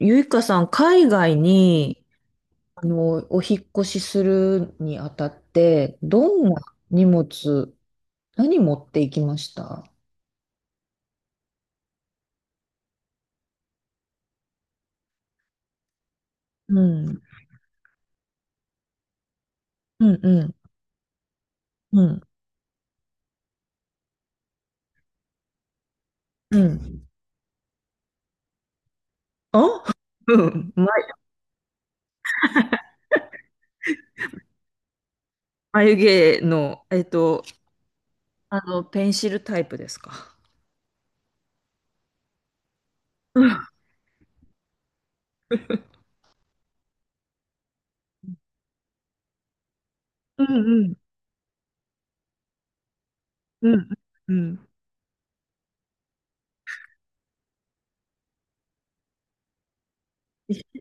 ゆいかさん、海外に、お引っ越しするにあたって、どんな荷物、何持っていきました？うん、うん、うん、うん、うん。あうん、ま、眉毛の、ペンシルタイプですか。うん、うん、うん、うん。うん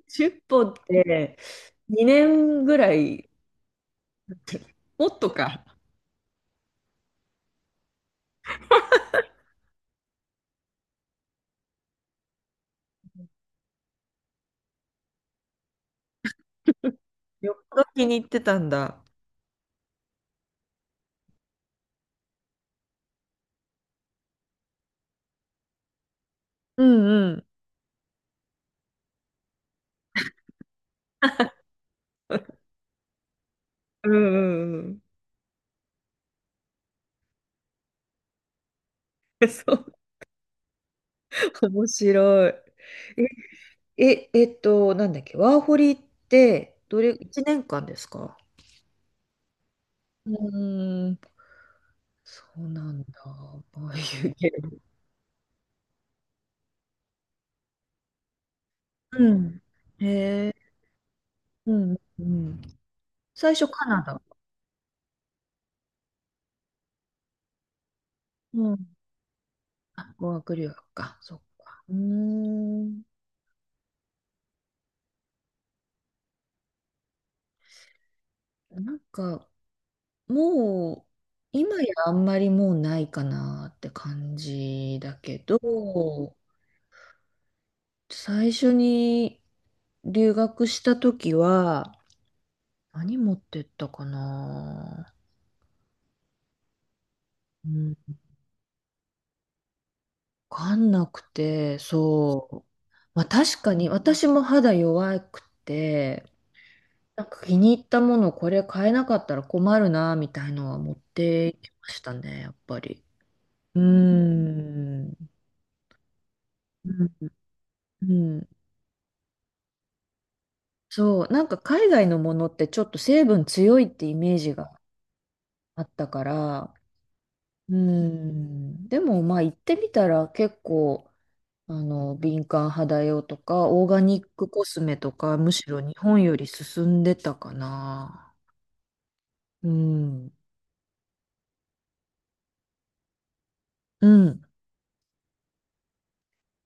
10本っぽんって2年ぐらい、もっとか。よっぽど気に入ってたんだ。うんうん。うんうんうん。そう、面白い。え、え、なんだっけ、ワーホリって、どれ、1年間ですか？うーん、そうなんだ。ああいうゲーム。うん。へえ、うん、うん。最初カナダ。うん。あ、語学留学か。そっか。うーん。なんか、もう、今やあんまりもうないかなって感じだけど、最初に、留学した時は、何持ってったかな。うん、わかんなくて、そう。まあ確かに私も肌弱くて、なんか気に入ったものこれ買えなかったら困るな、みたいのは持っていきましたね、やっぱり。うーん。うんうん。そう、なんか海外のものってちょっと成分強いってイメージがあったから、うん、でもまあ行ってみたら結構敏感肌用とか、オーガニックコスメとか、むしろ日本より進んでたかな。うん。うん。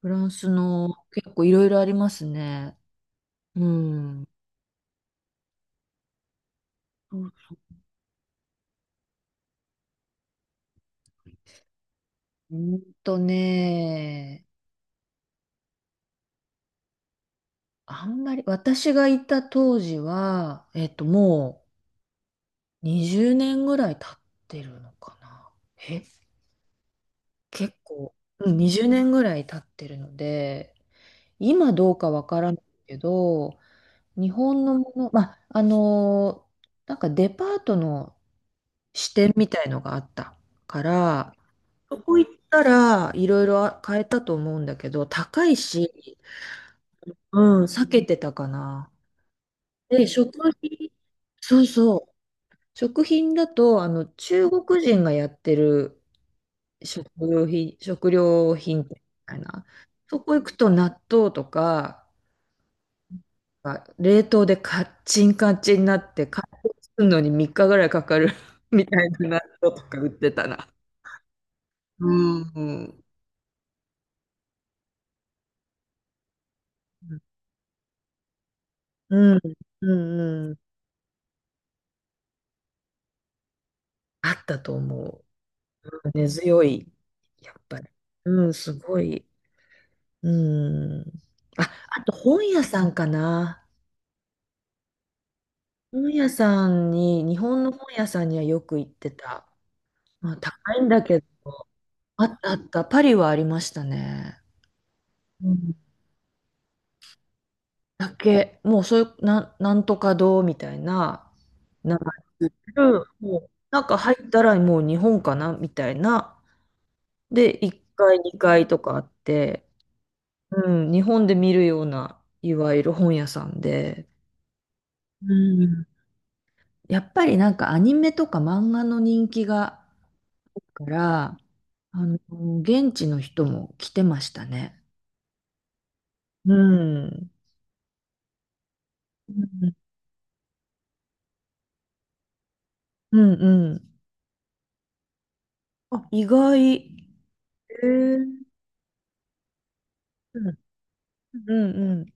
フランスの結構いろいろありますね。うん。うんとね、あんまり、私がいた当時は、もう20年ぐらい経ってるのかな。え、結構、うん、20年ぐらい経ってるので、今どうかわからないけど、日本のもの、まあ、なんかデパートの支店みたいのがあったから、そこ行ったらいろいろ買えたと思うんだけど、高いし、うん、避けてたかな。で、食品、そうそう、食品だと、中国人がやってる食料品店みたいな、そこ行くと納豆とか、あ冷凍でカッチンカチンになって、解凍するのに3日ぐらいかかる みたいな納豆とか売ってたな。うん。うん、うんうんうん。あったと思う。根強い、やっぱり。うん、すごい。うん。あ、あと本屋さんかな。本屋さんに、日本の本屋さんにはよく行ってた。まあ、高いんだけど、あったあった。パリはありましたね。うんだけ、もうそういう、なんとか堂みたいな名前の、もう、なんか入ったらもう日本かなみたいな。で、1階、2階とかあって、うん、日本で見るような、いわゆる本屋さんで、うん、やっぱりなんかアニメとか漫画の人気が、から、現地の人も来てましたね。うん。うん、うん、うん。あ、意外。へえうん、うん、うん。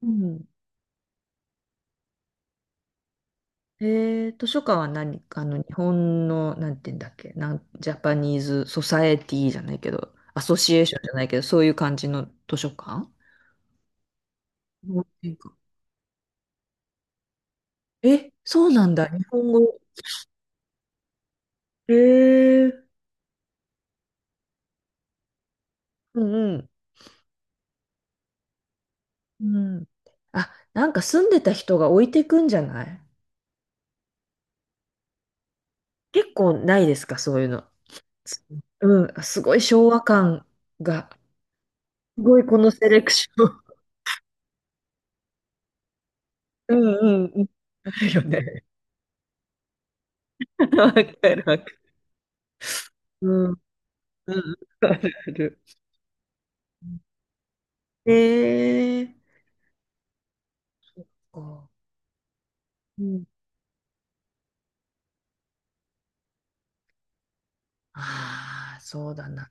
うん。図書館は何日本の、なんて言うんだっけ、ジャパニーズ・ソサエティじゃないけど、アソシエーションじゃないけど、そういう感じの図書館。日本人か。え、そうなんだ、日本語。えー、うんうん。うん。あ、なんか住んでた人が置いてくんじゃない？結構ないですか、そういうの。すうん、すごい昭和感が、すごいこのセレクション。うんうんうん。あるよね。わかるわかる。うんうんあるある。ええそっか。うん。ああ、そうだな。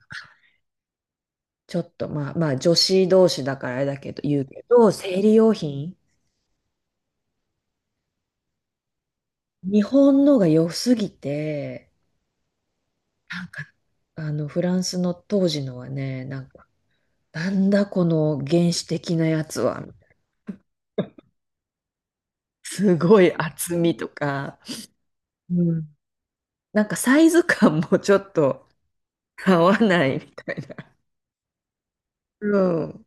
ちょっとまあまあ女子同士だからあれだけど言うけど、生理用品、日本のが良すぎて、なんかあのフランスの当時のはね、なんかなんだこの原始的なやつは、すごい厚みとか、うんなんかサイズ感もちょっと合わないみたいな。うん。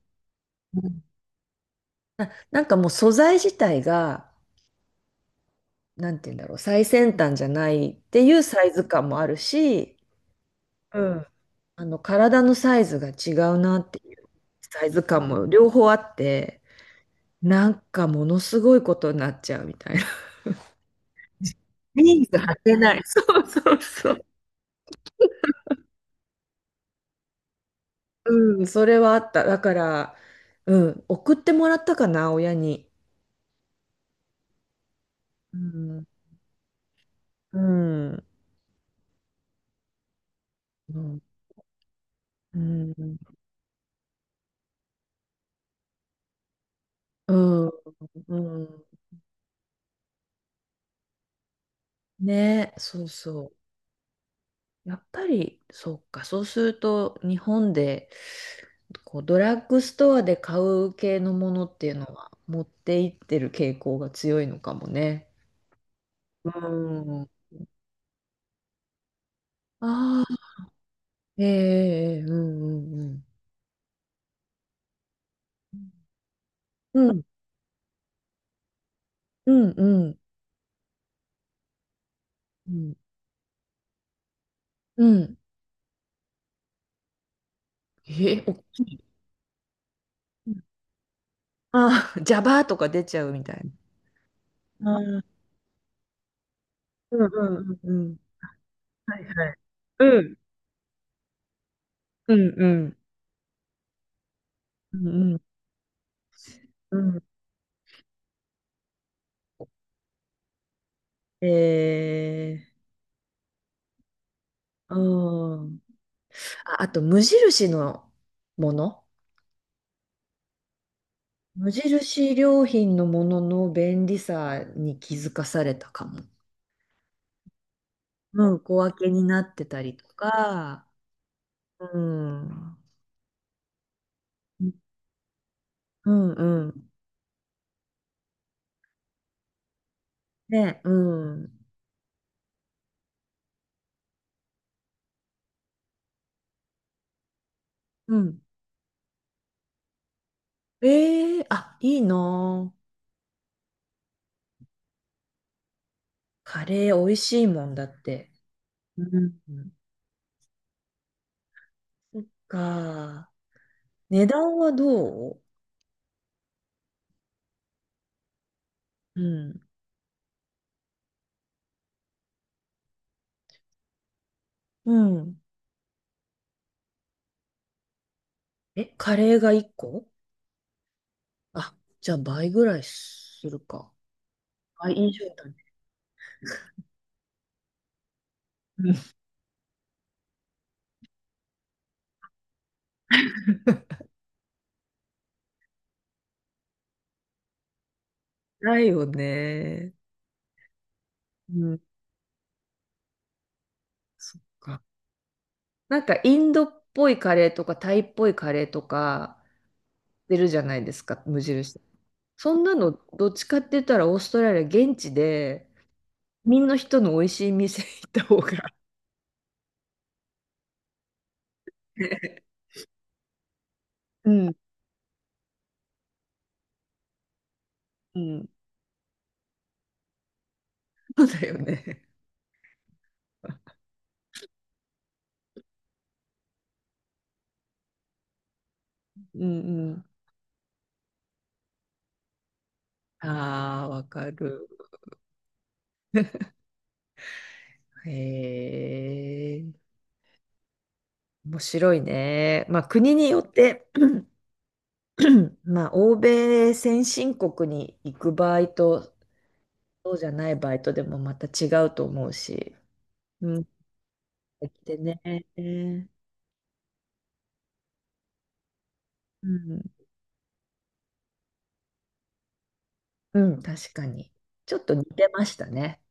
なんかもう素材自体が、なんて言うんだろう、最先端じゃないっていうサイズ感もあるし、うん。あの体のサイズが違うなっていうサイズ感も両方あって、なんかものすごいことになっちゃうみたいな。ジーンズ履けない。そうそうそう。うん、それはあった。だから、うん、送ってもらったかな、親に。うん、うん、うん、うん、うん。うんね、そうそう。やっぱり、そうか、そうすると、日本で、こう、ドラッグストアで買う系のものっていうのは、持っていってる傾向が強いのかもね。うん。ああ、ええええうんうんうん。うん、うん、うん、うん。うんえ、大きい。ああ、ジャバーとか出ちゃうみたいな。うんうんうんうん。うんうんうんうんうん。ええああ。ああと、無印のもの。無印良品のものの便利さに気づかされたかも。うん、小分けになってたりとか、うん、うんうん。ね、うん。うん。ええあ、いいなあ。カレー美味しいもんだって。うん。そっか。値段はどう？うん。うん。え、カレーが1個。あ、じゃあ倍ぐらいするか。倍以上だ。うんないよね。うん。そっか。なんかインドっぽいカレーとかタイっぽいカレーとか出るじゃないですか、無印。そんなのどっちかって言ったらオーストラリア現地でみんな人の美味しい店行った方が。 うん。うん。そうだよね。うんうん。ああ、わかる。へえ。面白いね。まあ国によって まあ欧米先進国に行く場合とそうじゃないバイトでもまた違うと思うし。うん。できてね。うん。うん、確かに。ちょっと似てましたね。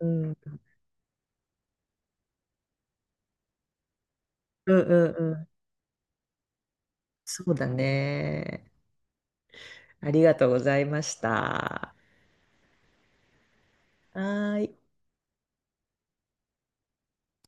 うん。うんうんうん。そうだね。ありがとうございました。はーい。